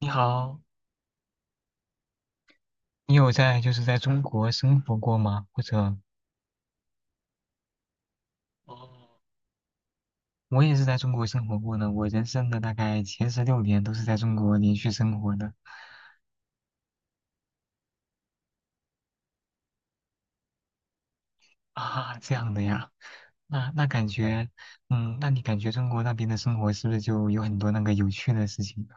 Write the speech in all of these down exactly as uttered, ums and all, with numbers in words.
你好，你有在就是在中国生活过吗？或者。哦，我也是在中国生活过的，我人生的大概前十六年都是在中国连续生活的。啊，这样的呀，那那感觉，嗯，那你感觉中国那边的生活是不是就有很多那个有趣的事情呢？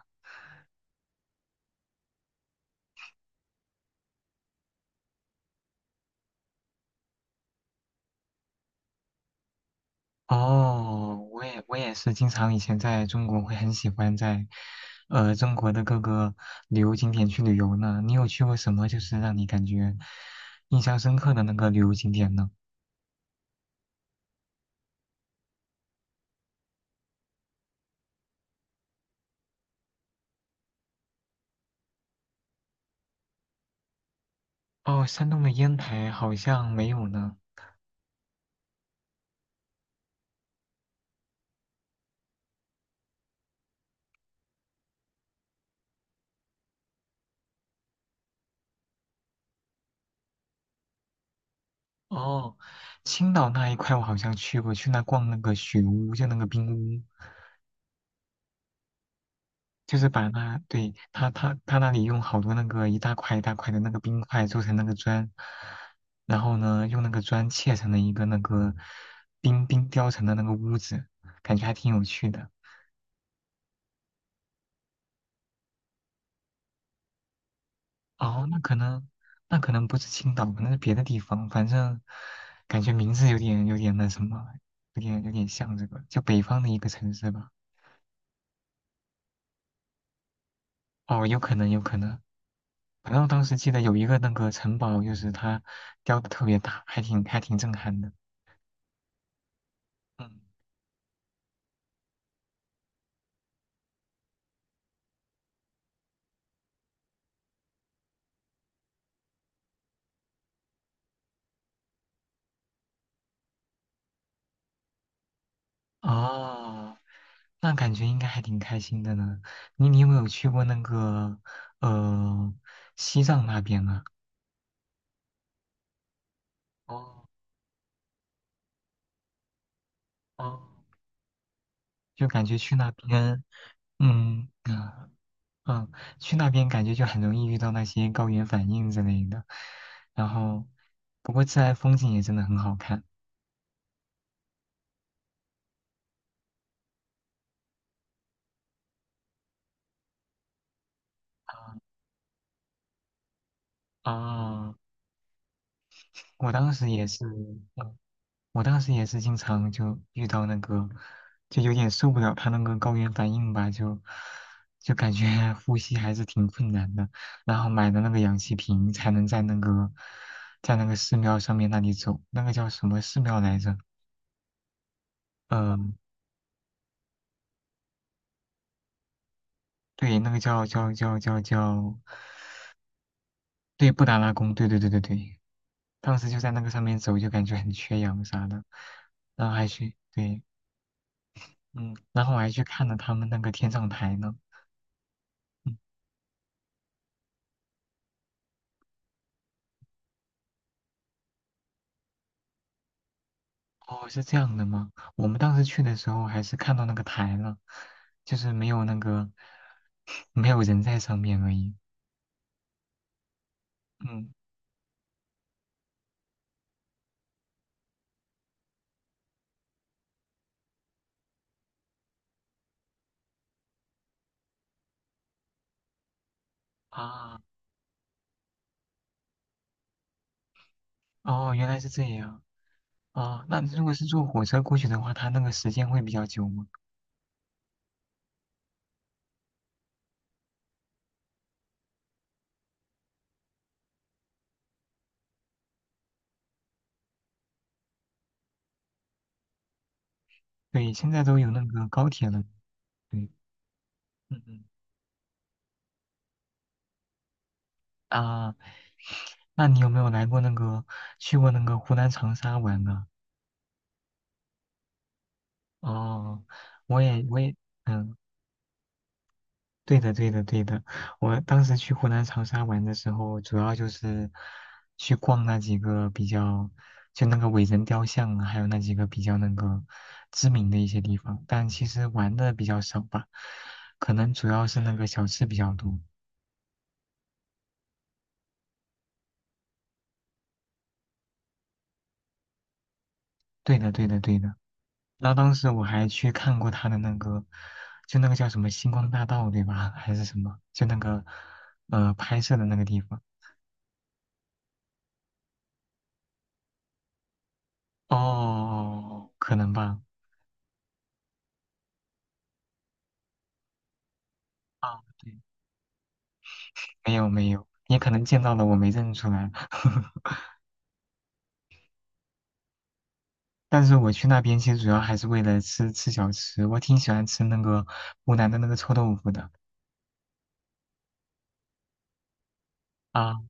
哦，我也我也是经常以前在中国会很喜欢在，呃，中国的各个旅游景点去旅游呢。你有去过什么就是让你感觉印象深刻的那个旅游景点呢？哦，山东的烟台好像没有呢。哦，青岛那一块我好像去过，去那逛那个雪屋，就那个冰屋，就是把那，对，他他他那里用好多那个一大块一大块的那个冰块做成那个砖，然后呢，用那个砖砌成了一个那个冰冰雕成的那个屋子，感觉还挺有趣的。哦，那可能，那可能不是青岛，可能是别的地方。反正感觉名字有点有点那什么，有点有点像这个，就北方的一个城市吧。哦，有可能，有可能。反正我当时记得有一个那个城堡，就是它雕的特别大，还挺还挺震撼的。嗯，哦，那感觉应该还挺开心的呢。你你有没有去过那个呃西藏那边啊？哦哦，就感觉去那边，嗯。啊嗯，去那边感觉就很容易遇到那些高原反应之类的。然后，不过自然风景也真的很好看。啊，我当时也是，嗯，我当时也是经常就遇到那个，就有点受不了他那个高原反应吧，就就感觉 呼吸还是挺困难的。然后买的那个氧气瓶才能在那个在那个寺庙上面那里走，那个叫什么寺庙来着？嗯、对，那个叫叫叫叫叫。对，布达拉宫，对对对对对，当时就在那个上面走，就感觉很缺氧啥的，然后还去，对，嗯，然后我还去看了他们那个天葬台呢。嗯，哦，是这样的吗？我们当时去的时候还是看到那个台了，就是没有那个 没有人在上面而已。嗯，啊，哦，原来是这样。啊，那如果是坐火车过去的话，它那个时间会比较久吗？对，现在都有那个高铁了。对，嗯嗯。嗯啊。那你有没有来过那个去过那个湖南长沙玩呢？哦，我也我也。嗯，对的对的对的，我当时去湖南长沙玩的时候，主要就是去逛那几个比较就那个伟人雕像啊，还有那几个比较那个知名的一些地方，但其实玩的比较少吧，可能主要是那个小吃比较多。对的对的对的。然后当时我还去看过他的那个，就那个叫什么星光大道，对吧？还是什么？就那个呃拍摄的那个地方。哦，可能吧。啊，对，没有没有，也可能见到了我没认出来。但是我去那边其实主要还是为了吃吃小吃，我挺喜欢吃那个湖南的那个臭豆腐的。啊，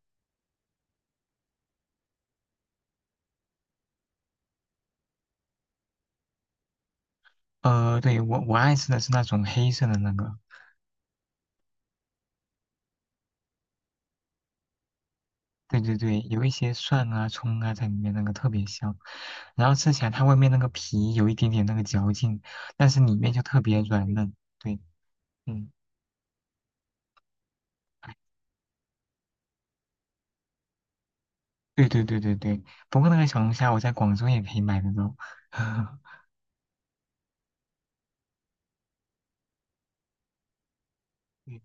呃，对，我我爱吃的是那种黑色的那个。对对对，有一些蒜啊、葱啊在里面，那个特别香。然后吃起来，它外面那个皮有一点点那个嚼劲，但是里面就特别软嫩。对，嗯，哎，对对对对对。不过那个小龙虾，我在广州也可以买得到。嗯，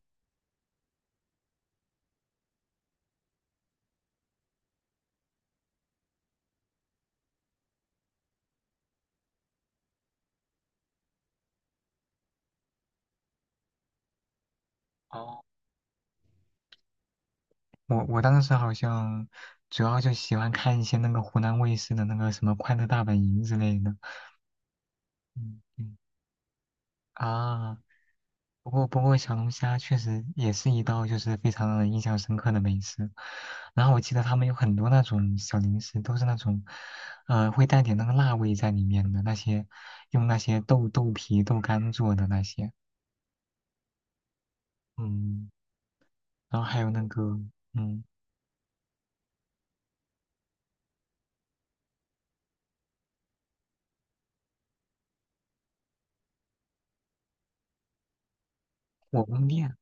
哦，我我当时好像主要就喜欢看一些那个湖南卫视的那个什么《快乐大本营》之类的。嗯嗯，啊。不过，不过小龙虾确实也是一道就是非常让人印象深刻的美食。然后我记得他们有很多那种小零食，都是那种，呃，会带点那个辣味在里面的那些，用那些豆豆皮、豆干做的那些。嗯，然后还有那个，嗯，火宫殿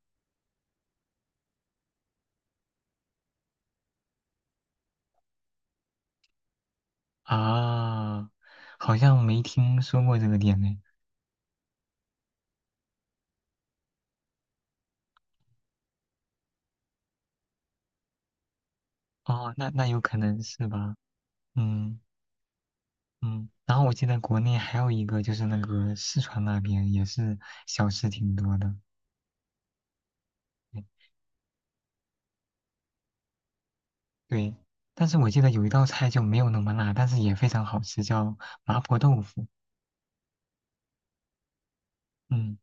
啊，好像没听说过这个店呢。哦，那那有可能是吧。嗯。嗯，然后我记得国内还有一个，就是那个四川那边也是小吃挺多的。嗯，对，但是我记得有一道菜就没有那么辣，但是也非常好吃，叫麻婆豆腐。嗯，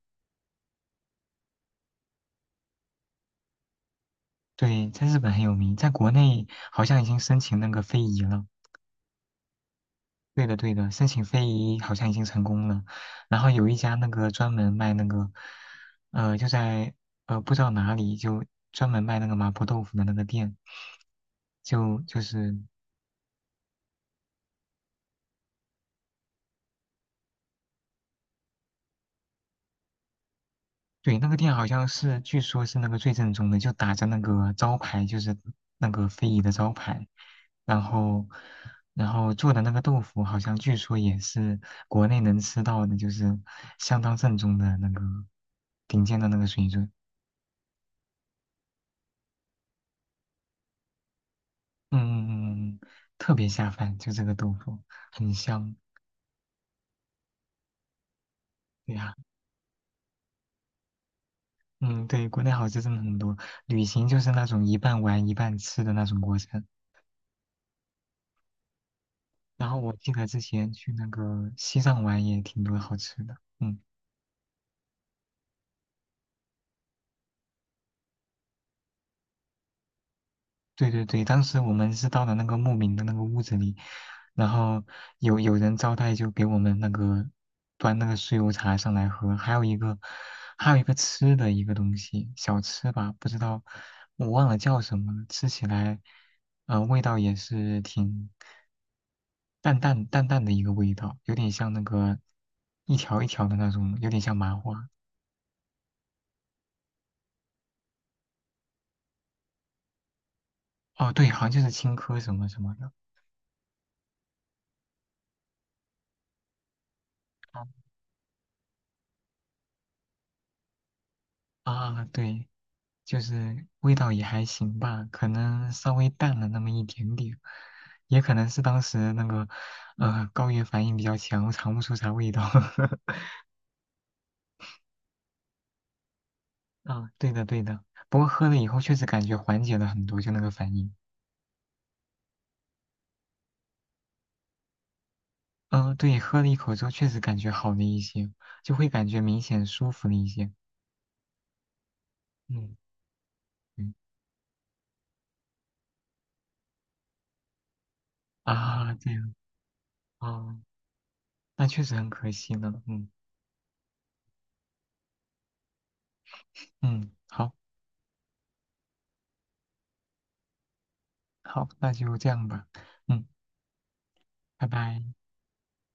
对，在日本很有名，在国内好像已经申请那个非遗了。对的，对的，申请非遗好像已经成功了。然后有一家那个专门卖那个，呃，就在呃不知道哪里，就专门卖那个麻婆豆腐的那个店，就就是。对，那个店好像是，据说是那个最正宗的，就打着那个招牌，就是那个非遗的招牌，然后，然后做的那个豆腐，好像据说也是国内能吃到的，就是相当正宗的那个顶尖的那个水准。嗯嗯嗯，嗯，特别下饭，就这个豆腐很香。对呀、嗯，对，国内好吃真的很多，旅行就是那种一半玩一半吃的那种过程。然后我记得之前去那个西藏玩也挺多好吃的，嗯，对对对，当时我们是到了那个牧民的那个屋子里，然后有有人招待就给我们那个端那个酥油茶上来喝，还有一个还有一个吃的一个东西小吃吧，不知道我忘了叫什么了，吃起来呃味道也是挺淡淡淡淡的一个味道，有点像那个一条一条的那种，有点像麻花，哦，对，好像就是青稞什么什么的。嗯啊，对，就是味道也还行吧，可能稍微淡了那么一点点，也可能是当时那个呃高原反应比较强，我尝不出啥味道。啊，对的对的，不过喝了以后确实感觉缓解了很多，就那个反应。嗯、对，喝了一口之后确实感觉好了一些，就会感觉明显舒服了一些。嗯嗯，啊，对啊，哦，那确实很可惜呢。嗯嗯，好。好，那就这样吧，嗯，拜拜。